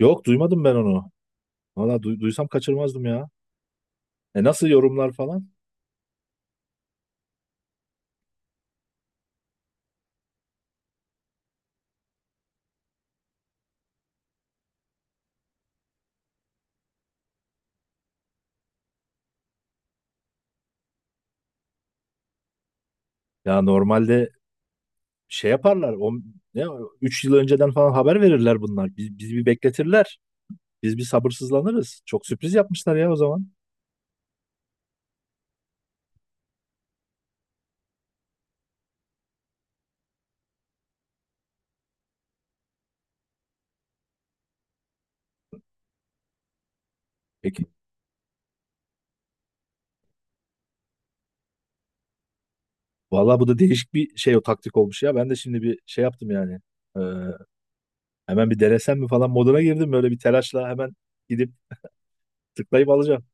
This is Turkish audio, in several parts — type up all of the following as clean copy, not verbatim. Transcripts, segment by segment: Yok duymadım ben onu. Valla duysam kaçırmazdım ya. E nasıl yorumlar falan? Ya normalde şey yaparlar. O, ne, 3 yıl önceden falan haber verirler bunlar. Bizi bir bekletirler. Biz bir sabırsızlanırız. Çok sürpriz yapmışlar ya o zaman. Peki. Vallahi bu da değişik bir şey, o taktik olmuş ya. Ben de şimdi bir şey yaptım yani. Ee, Hemen bir denesem mi falan moduna girdim. Böyle bir telaşla hemen gidip tıklayıp alacağım.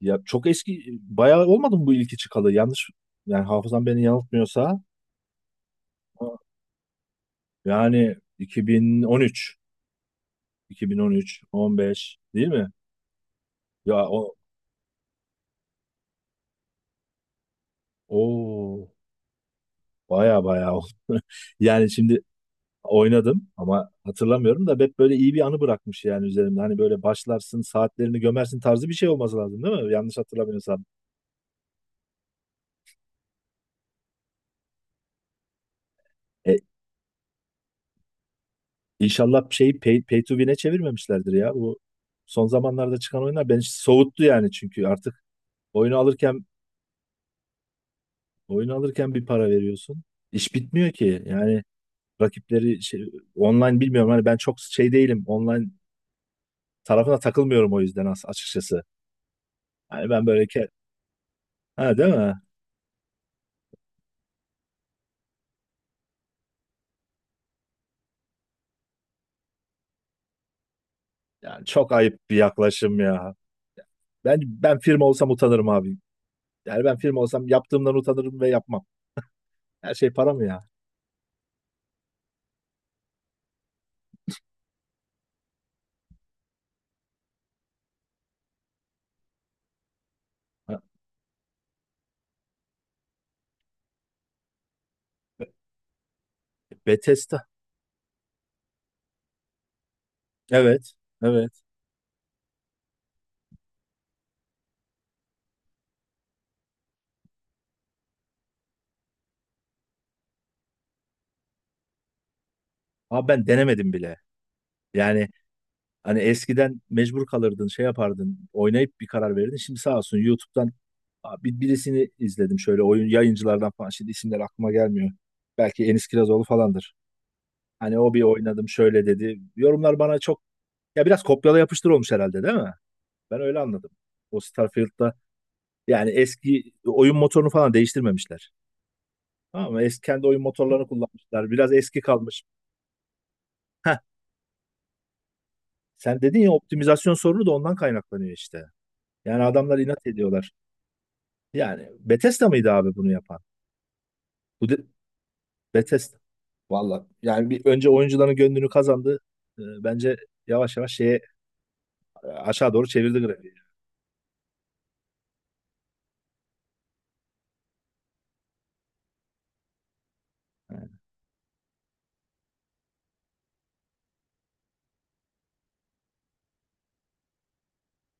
Ya çok eski bayağı olmadı mı bu ilki çıkalı? Yanlış, yani hafızam beni yanıltmıyorsa yani 2013, 2013, 15 değil mi? Ya o baya baya oldu. Yani şimdi oynadım ama hatırlamıyorum da hep böyle iyi bir anı bırakmış yani üzerimde. Hani böyle başlarsın, saatlerini gömersin tarzı bir şey olması lazım değil mi? Yanlış hatırlamıyorsam. E, inşallah şeyi pay to win'e çevirmemişlerdir ya. Bu son zamanlarda çıkan oyunlar beni soğuttu yani, çünkü artık oyunu alırken oyunu alırken bir para veriyorsun. İş bitmiyor ki. Yani rakipleri şey, online bilmiyorum. Hani ben çok şey değilim. Online tarafına takılmıyorum o yüzden, açıkçası. Hani ben böyle ha, değil mi? Yani çok ayıp bir yaklaşım ya. Ben firma olsam utanırım abi. Yani ben firma olsam yaptığımdan utanırım ve yapmam. Her şey para mı ya? Ha, Be- Bethesda. Evet. Evet. Abi ben denemedim bile. Yani hani eskiden mecbur kalırdın, şey yapardın, oynayıp bir karar verirdin. Şimdi sağ olsun YouTube'dan abi bir birisini izledim, şöyle oyun yayıncılardan falan. Şimdi isimler aklıma gelmiyor. Belki Enis Kirazoğlu falandır. Hani o bir oynadım şöyle dedi. Yorumlar bana çok, ya biraz kopyala yapıştır olmuş herhalde değil mi? Ben öyle anladım. O Starfield'da, yani eski oyun motorunu falan değiştirmemişler. Tamam mı? Eski kendi oyun motorlarını kullanmışlar. Biraz eski kalmış. Heh, sen dedin ya, optimizasyon sorunu da ondan kaynaklanıyor işte. Yani adamlar inat ediyorlar. Yani Bethesda mıydı abi bunu yapan? Bu de, Bethesda. Valla yani bir önce oyuncuların gönlünü kazandı. Bence yavaş yavaş şeye, aşağı doğru çevirdi grafiği. Yani.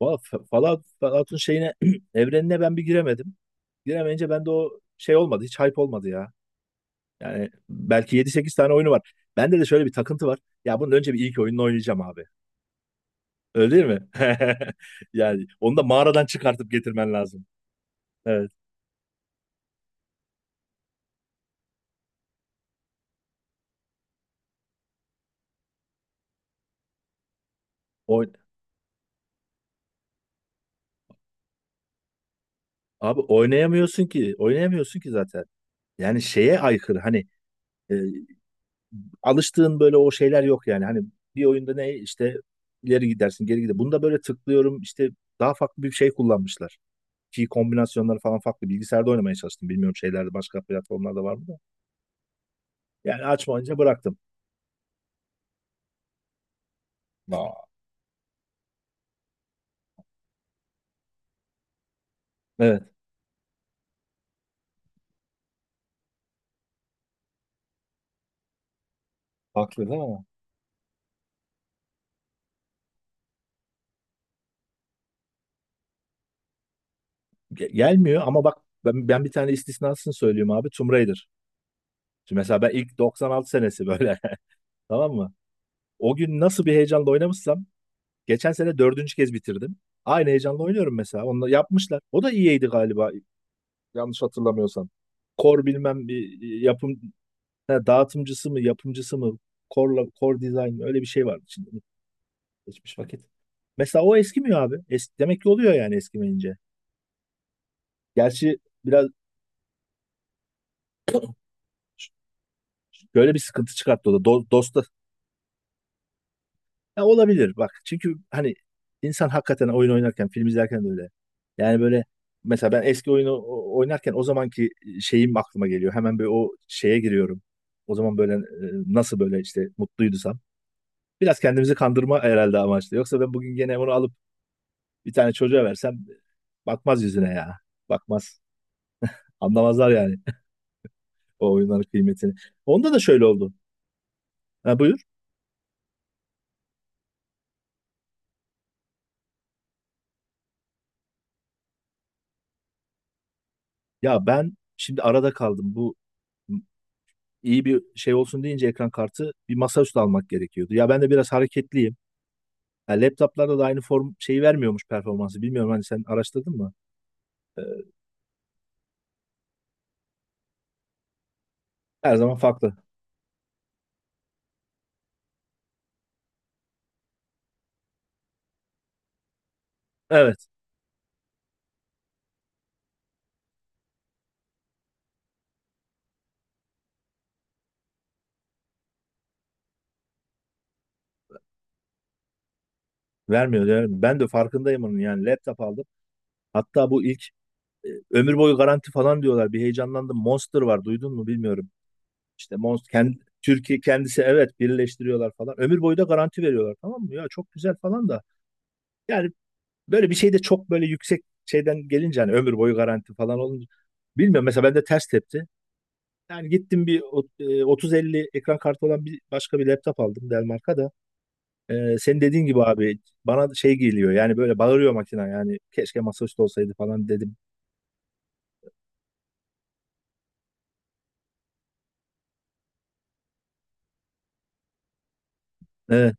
Valla Fallout'un şeyine evrenine ben bir giremedim. Giremeyince bende o şey olmadı. Hiç hype olmadı ya. Yani belki 7-8 tane oyunu var. Bende de şöyle bir takıntı var. Ya bunun önce bir ilk oyununu oynayacağım abi. Öyle değil mi? Yani onu da mağaradan çıkartıp getirmen lazım. Evet. Oy- Abi oynayamıyorsun ki. Oynayamıyorsun ki zaten. Yani şeye aykırı. Hani e, alıştığın böyle o şeyler yok yani. Hani bir oyunda ne işte, ileri gidersin geri gider. Bunda böyle tıklıyorum işte, daha farklı bir şey kullanmışlar. Ki kombinasyonları falan farklı. Bilgisayarda oynamaya çalıştım. Bilmiyorum şeylerde, başka platformlarda var mı da. Yani açmayınca bıraktım. Aa. Evet. Haklı değil mi? Gelmiyor ama bak, ben bir tane istisnasını söyleyeyim abi: Tomb Raider. Şimdi mesela ben ilk 96 senesi böyle, tamam mı? O gün nasıl bir heyecanla oynamışsam geçen sene dördüncü kez bitirdim. Aynı heyecanla oynuyorum mesela. Onu yapmışlar. O da iyiydi galiba, yanlış hatırlamıyorsam. Core bilmem bir yapım, ha, dağıtımcısı mı yapımcısı mı, Core'la Core Design mi? Öyle bir şey vardı. Şimdi geçmiş vakit. Mesela o eskimiyor abi. Es, demek ki oluyor yani eskimeyince. Gerçi biraz, böyle bir sıkıntı çıkarttı o da. Dosta, ya, olabilir bak. Çünkü hani insan hakikaten oyun oynarken, film izlerken de öyle. Yani böyle, mesela ben eski oyunu oynarken, o zamanki şeyim aklıma geliyor. Hemen böyle o şeye giriyorum. O zaman böyle nasıl böyle işte mutluydusam. Biraz kendimizi kandırma herhalde amaçlı. Yoksa ben bugün gene onu alıp bir tane çocuğa versem bakmaz yüzüne ya. Bakmaz. Anlamazlar yani o oyunların kıymetini. Onda da şöyle oldu. Ha, buyur. Ya ben şimdi arada kaldım. Bu iyi bir şey olsun deyince ekran kartı, bir masaüstü almak gerekiyordu. Ya ben de biraz hareketliyim. Ya laptoplarda da aynı form şeyi vermiyormuş, performansı. Bilmiyorum, hani sen araştırdın mı? Her zaman farklı. Evet. Vermiyor, vermiyor. Ben de farkındayım onun. Yani laptop aldım. Hatta bu ilk, ömür boyu garanti falan diyorlar. Bir heyecanlandım. Monster var. Duydun mu bilmiyorum. İşte Monster kendi Türkiye, kendisi evet birleştiriyorlar falan. Ömür boyu da garanti veriyorlar, tamam mı? Ya çok güzel falan da. Yani böyle bir şey de çok böyle yüksek şeyden gelince, hani ömür boyu garanti falan olunca, bilmiyorum, mesela bende ters tepti. Yani gittim bir 30-50 ekran kartı olan bir başka bir laptop aldım, Dell marka da. E, senin dediğin gibi abi, bana şey geliyor yani, böyle bağırıyor makina, yani keşke masaüstü olsaydı falan dedim. E,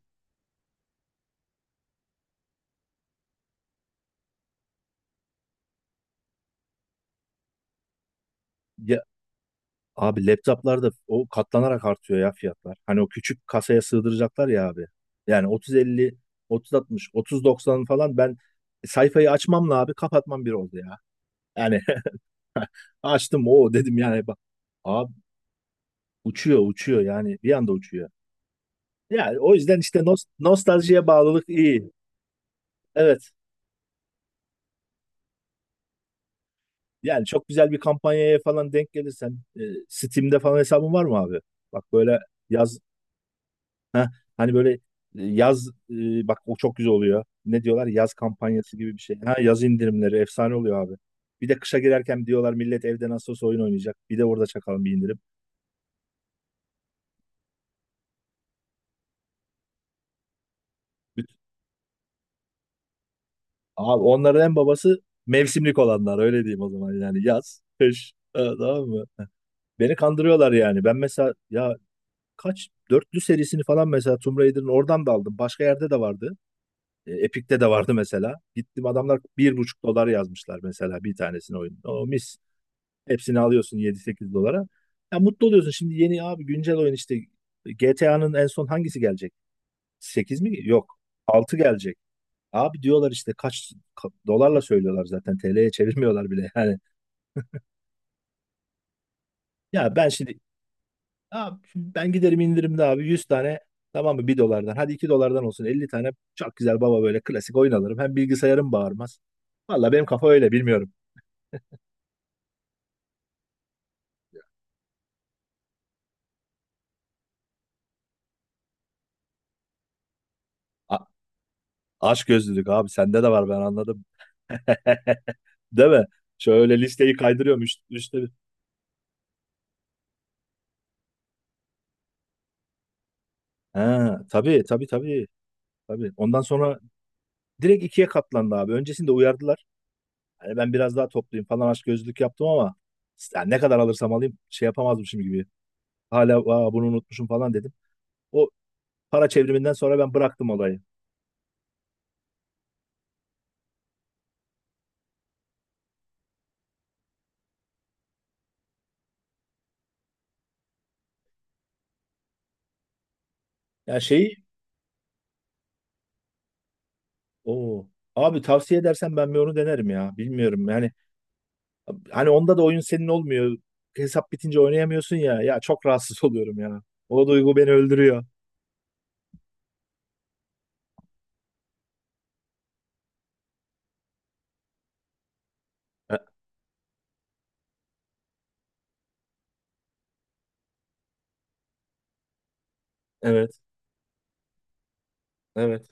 ya, abi laptoplarda o katlanarak artıyor ya fiyatlar. Hani o küçük kasaya sığdıracaklar ya abi. Yani 30-50, 30-60, 30-90 falan, ben sayfayı açmamla abi kapatmam bir oldu ya. Yani açtım, o dedim yani, bak. Abi uçuyor uçuyor yani, bir anda uçuyor. Yani o yüzden işte, nostaljiye bağlılık iyi. Evet. Yani çok güzel bir kampanyaya falan denk gelirsen Steam'de falan hesabın var mı abi? Bak böyle yaz, heh, hani böyle yaz, bak o çok güzel oluyor. Ne diyorlar? Yaz kampanyası gibi bir şey. Ha, yaz indirimleri efsane oluyor abi. Bir de kışa girerken diyorlar, millet evde nasıl olsa oyun oynayacak, bir de orada çakalım bir indirim. Abi onların en babası mevsimlik olanlar, öyle diyeyim o zaman yani yaz, kış, tamam mı? Beni kandırıyorlar yani. Ben mesela ya, kaç dörtlü serisini falan mesela, Tomb Raider'ın oradan da aldım. Başka yerde de vardı. E, Epic'te de vardı mesela. Gittim adamlar 1,5 dolar yazmışlar mesela bir tanesini, oyun. O mis. Hepsini alıyorsun 7-8 dolara. Ya mutlu oluyorsun. Şimdi yeni abi, güncel oyun işte, GTA'nın en son hangisi gelecek? 8 mi? Yok. Altı gelecek. Abi diyorlar işte kaç dolarla söylüyorlar zaten, TL'ye çevirmiyorlar bile yani. Ya ben şimdi abi, şimdi ben giderim indirimde abi, 100 tane, tamam mı, 1 dolardan, hadi 2 dolardan olsun, 50 tane çok güzel baba böyle klasik oyun alırım. Hem bilgisayarım bağırmaz. Valla benim kafa öyle, bilmiyorum. A Aç gözlülük abi sende de var, ben anladım. Değil mi? Şöyle listeyi kaydırıyorum üstte. Ha, tabii tabii tabii. Tabii. Ondan sonra direkt ikiye katlandı abi. Öncesinde uyardılar. Hani ben biraz daha topluyum falan, aşk gözlük yaptım ama yani ne kadar alırsam alayım şey yapamazdım şimdi gibi. Hala, "Aa, bunu unutmuşum," falan dedim. O para çevriminden sonra ben bıraktım olayı. Ya, şeyi o abi, tavsiye edersen ben bir onu denerim ya. Bilmiyorum yani, hani onda da oyun senin olmuyor. Hesap bitince oynayamıyorsun ya. Ya çok rahatsız oluyorum ya. O duygu beni öldürüyor. E- Evet, evet.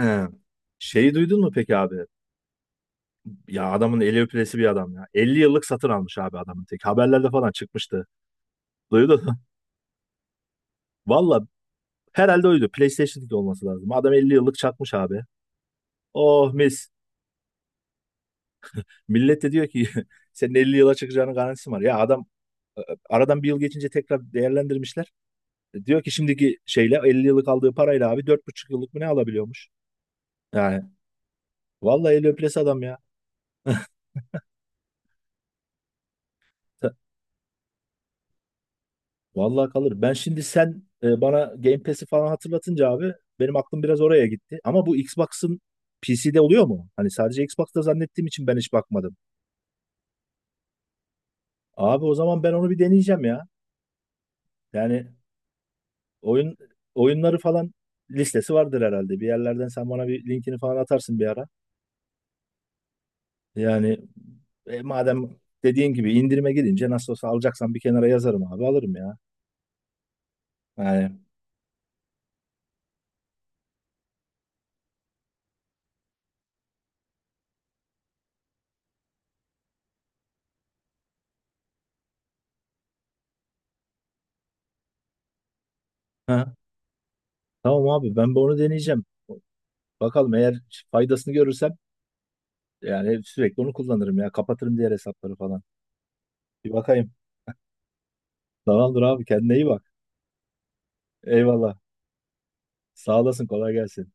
He. Şeyi duydun mu peki abi? Ya adamın eli öpülesi bir adam ya. 50 yıllık satın almış abi adamın tek. Haberlerde falan çıkmıştı. Duydun. Valla, herhalde oydu. PlayStation 2 olması lazım. Adam 50 yıllık çakmış abi. Oh mis. Millet de diyor ki, senin 50 yıla çıkacağının garantisi var. Ya adam, e, aradan bir yıl geçince tekrar değerlendirmişler. E, diyor ki şimdiki şeyle 50 yıllık aldığı parayla abi 4,5 yıllık mı ne alabiliyormuş. Yani vallahi el öpülesi adam ya. Vallahi kalır. Ben şimdi, sen bana Game Pass'i falan hatırlatınca abi, benim aklım biraz oraya gitti. Ama bu Xbox'ın PC'de oluyor mu? Hani sadece Xbox'ta zannettiğim için ben hiç bakmadım. Abi o zaman ben onu bir deneyeceğim ya. Yani oyun, oyunları falan listesi vardır herhalde. Bir yerlerden sen bana bir linkini falan atarsın bir ara. Yani, madem dediğin gibi indirime gidince nasıl olsa alacaksan, bir kenara yazarım abi, alırım ya. Yani ha, tamam abi, ben bir onu deneyeceğim. Bakalım, eğer faydasını görürsem yani sürekli onu kullanırım ya. Kapatırım diğer hesapları falan. Bir bakayım. Tamamdır abi, kendine iyi bak. Eyvallah. Sağ olasın, kolay gelsin.